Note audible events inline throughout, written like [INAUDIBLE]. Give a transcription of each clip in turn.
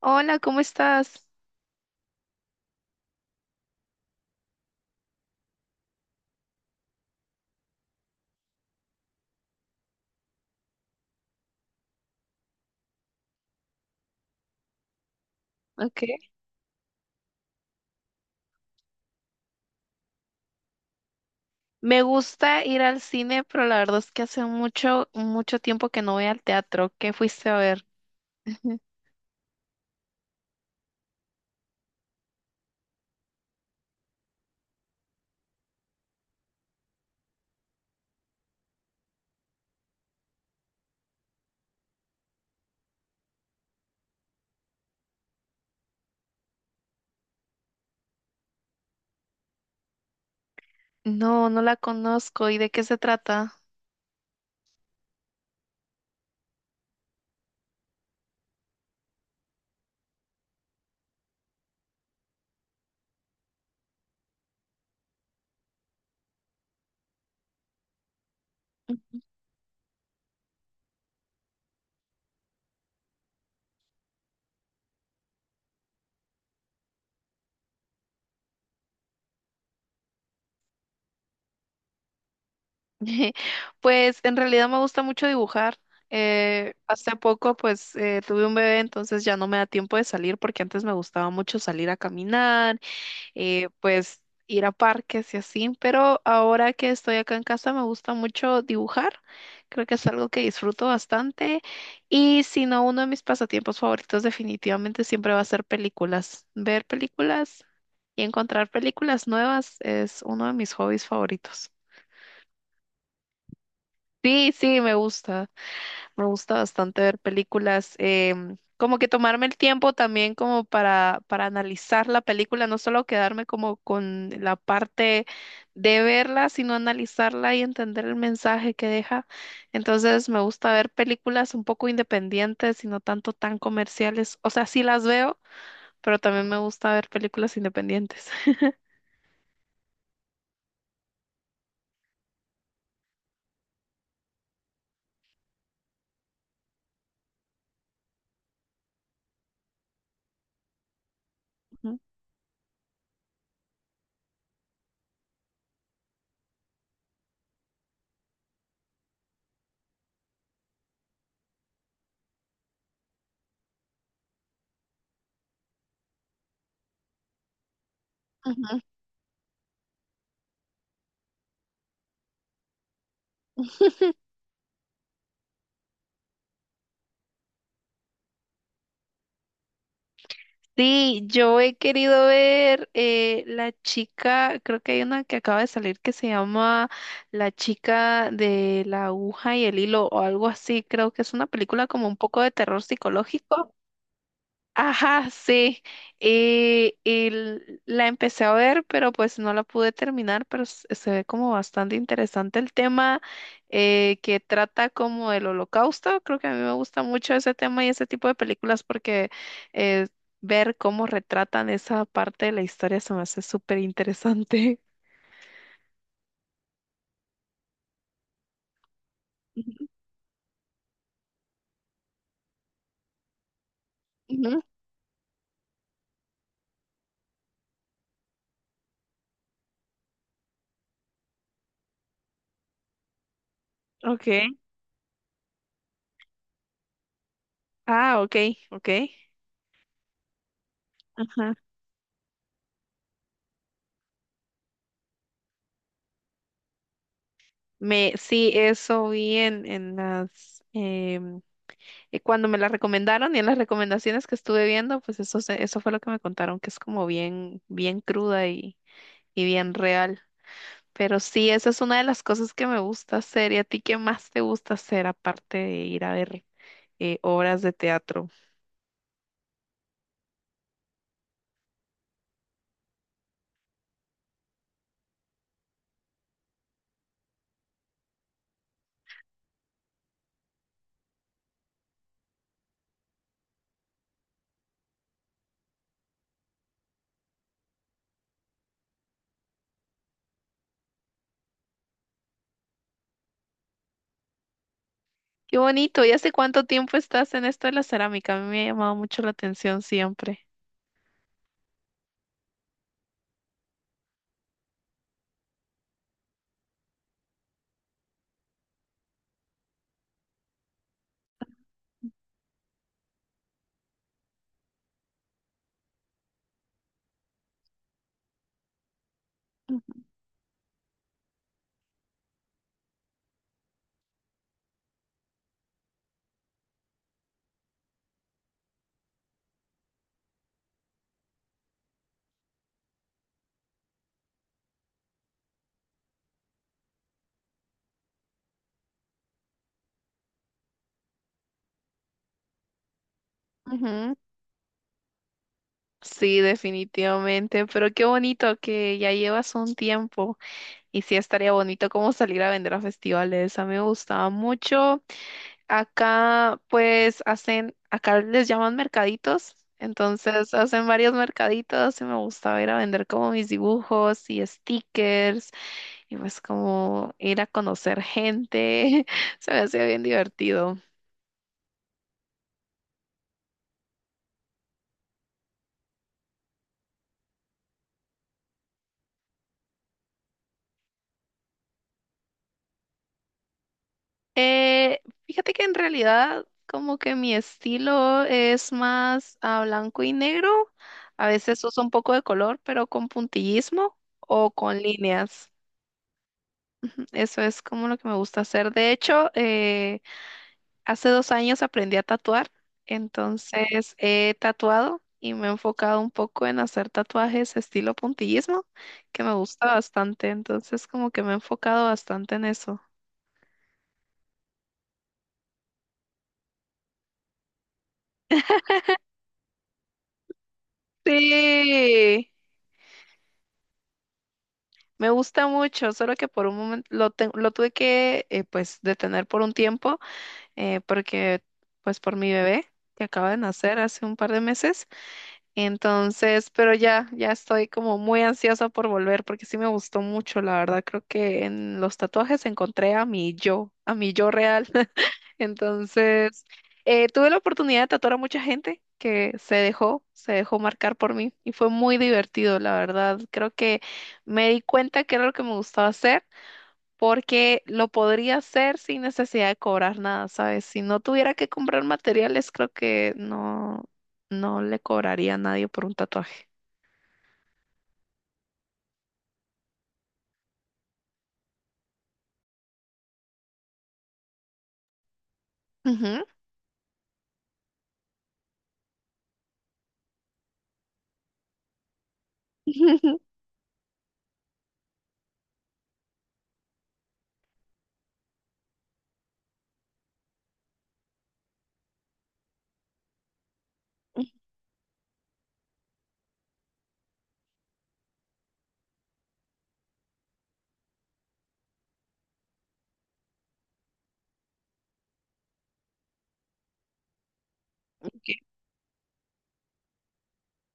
Hola, ¿cómo estás? Ok. Me gusta ir al cine, pero la verdad es que hace mucho, mucho tiempo que no voy al teatro. ¿Qué fuiste a ver? [LAUGHS] No, no la conozco. ¿Y de qué se trata? Ujú. [LAUGHS] Pues en realidad me gusta mucho dibujar. Hace poco pues tuve un bebé, entonces ya no me da tiempo de salir porque antes me gustaba mucho salir a caminar pues ir a parques y así, pero ahora que estoy acá en casa me gusta mucho dibujar, creo que es algo que disfruto bastante y si no, uno de mis pasatiempos favoritos definitivamente siempre va a ser películas, ver películas y encontrar películas nuevas es uno de mis hobbies favoritos. Sí, sí, me gusta. Me gusta bastante ver películas, como que tomarme el tiempo también como para analizar la película, no solo quedarme como con la parte de verla, sino analizarla y entender el mensaje que deja. Entonces me gusta ver películas un poco independientes y no tanto tan comerciales. O sea, sí las veo, pero también me gusta ver películas independientes. [LAUGHS] Ujú. Sí, yo he querido ver la chica, creo que hay una que acaba de salir que se llama La chica de la aguja y el hilo o algo así, creo que es una película como un poco de terror psicológico. Ajá, sí. Y la empecé a ver, pero pues no la pude terminar, pero se ve como bastante interesante el tema que trata como del holocausto. Creo que a mí me gusta mucho ese tema y ese tipo de películas porque eh, ver cómo retratan esa parte de la historia se me hace súper interesante. Ujú, ujú, Okay. Ah, ok, ok. Ajá. Sí, eso vi en las. Y cuando me la recomendaron y en las recomendaciones que estuve viendo, pues eso, eso fue lo que me contaron, que es como bien, bien cruda y bien real. Pero sí, esa es una de las cosas que me gusta hacer. ¿Y a ti qué más te gusta hacer aparte de ir a ver obras de teatro? Qué bonito. ¿Y hace cuánto tiempo estás en esto de la cerámica? A mí me ha llamado mucho la atención siempre. Ujú. Sí, definitivamente, pero qué bonito que ya llevas un tiempo. Y sí, estaría bonito como salir a vender a festivales. A mí me gustaba mucho. Acá, pues, acá les llaman mercaditos. Entonces, hacen varios mercaditos y me gustaba ir a vender como mis dibujos y stickers y pues como ir a conocer gente. [LAUGHS] Se me hacía bien divertido. Eh, Fíjate que en realidad como que mi estilo es más a blanco y negro. A veces uso un poco de color, pero con puntillismo o con líneas. Ujú. Eso es como lo que me gusta hacer. De hecho, hace 2 años aprendí a tatuar, entonces he tatuado y me he enfocado un poco en hacer tatuajes estilo puntillismo, que me gusta bastante. Entonces como que me he enfocado bastante en eso. Sí. Me gusta mucho, solo que por un momento lo tuve que pues detener por un tiempo porque pues por mi bebé que acaba de nacer hace un par de meses. Entonces, pero ya estoy como muy ansiosa por volver porque sí me gustó mucho, la verdad. Creo que en los tatuajes encontré a mi yo real. [LAUGHS] Entonces, tuve la oportunidad de tatuar a mucha gente que se dejó marcar por mí y fue muy divertido, la verdad. Creo que me di cuenta que era lo que me gustaba hacer porque lo podría hacer sin necesidad de cobrar nada, ¿sabes? Si no tuviera que comprar materiales, creo que no le cobraría a nadie por un tatuaje. Ujú. [LAUGHS]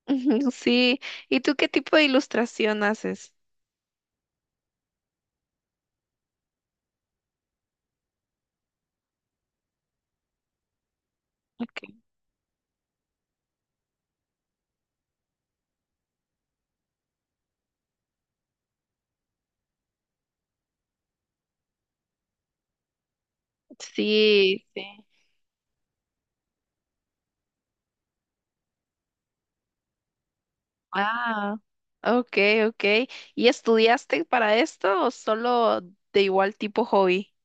Ujú. Sí, ¿y tú qué tipo de ilustración haces? Okay. Sí, sí. Ah, ok, ok. ¿Y estudiaste para esto o solo de igual tipo hobby?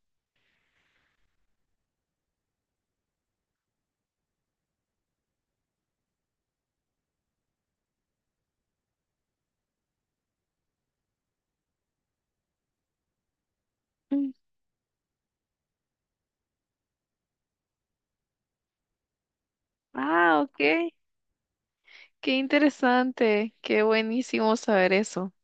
Mm. Ah, ok. Qué interesante, qué buenísimo saber eso.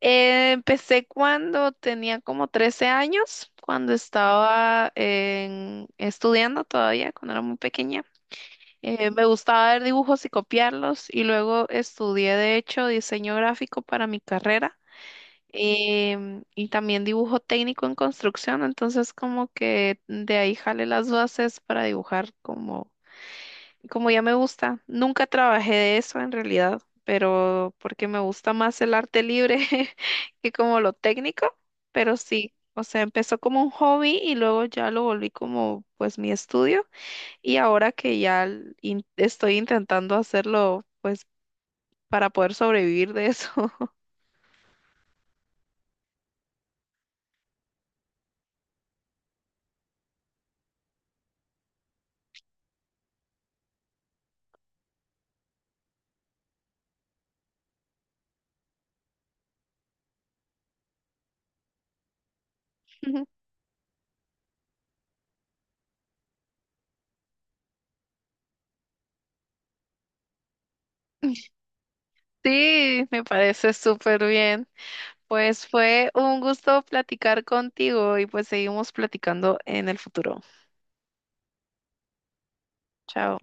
Empecé cuando tenía como 13 años, cuando estaba estudiando todavía, cuando era muy pequeña. Me gustaba ver dibujos y copiarlos y luego estudié de hecho diseño gráfico para mi carrera y también dibujo técnico en construcción, entonces como que de ahí jale las bases para dibujar como ya me gusta, nunca trabajé de eso en realidad, pero porque me gusta más el arte libre [LAUGHS] que como lo técnico, pero sí, o sea, empezó como un hobby y luego ya lo volví como pues mi estudio y ahora que ya estoy intentando hacerlo pues para poder sobrevivir de eso. [LAUGHS] Sí, me parece súper bien. Pues fue un gusto platicar contigo y pues seguimos platicando en el futuro. Chao.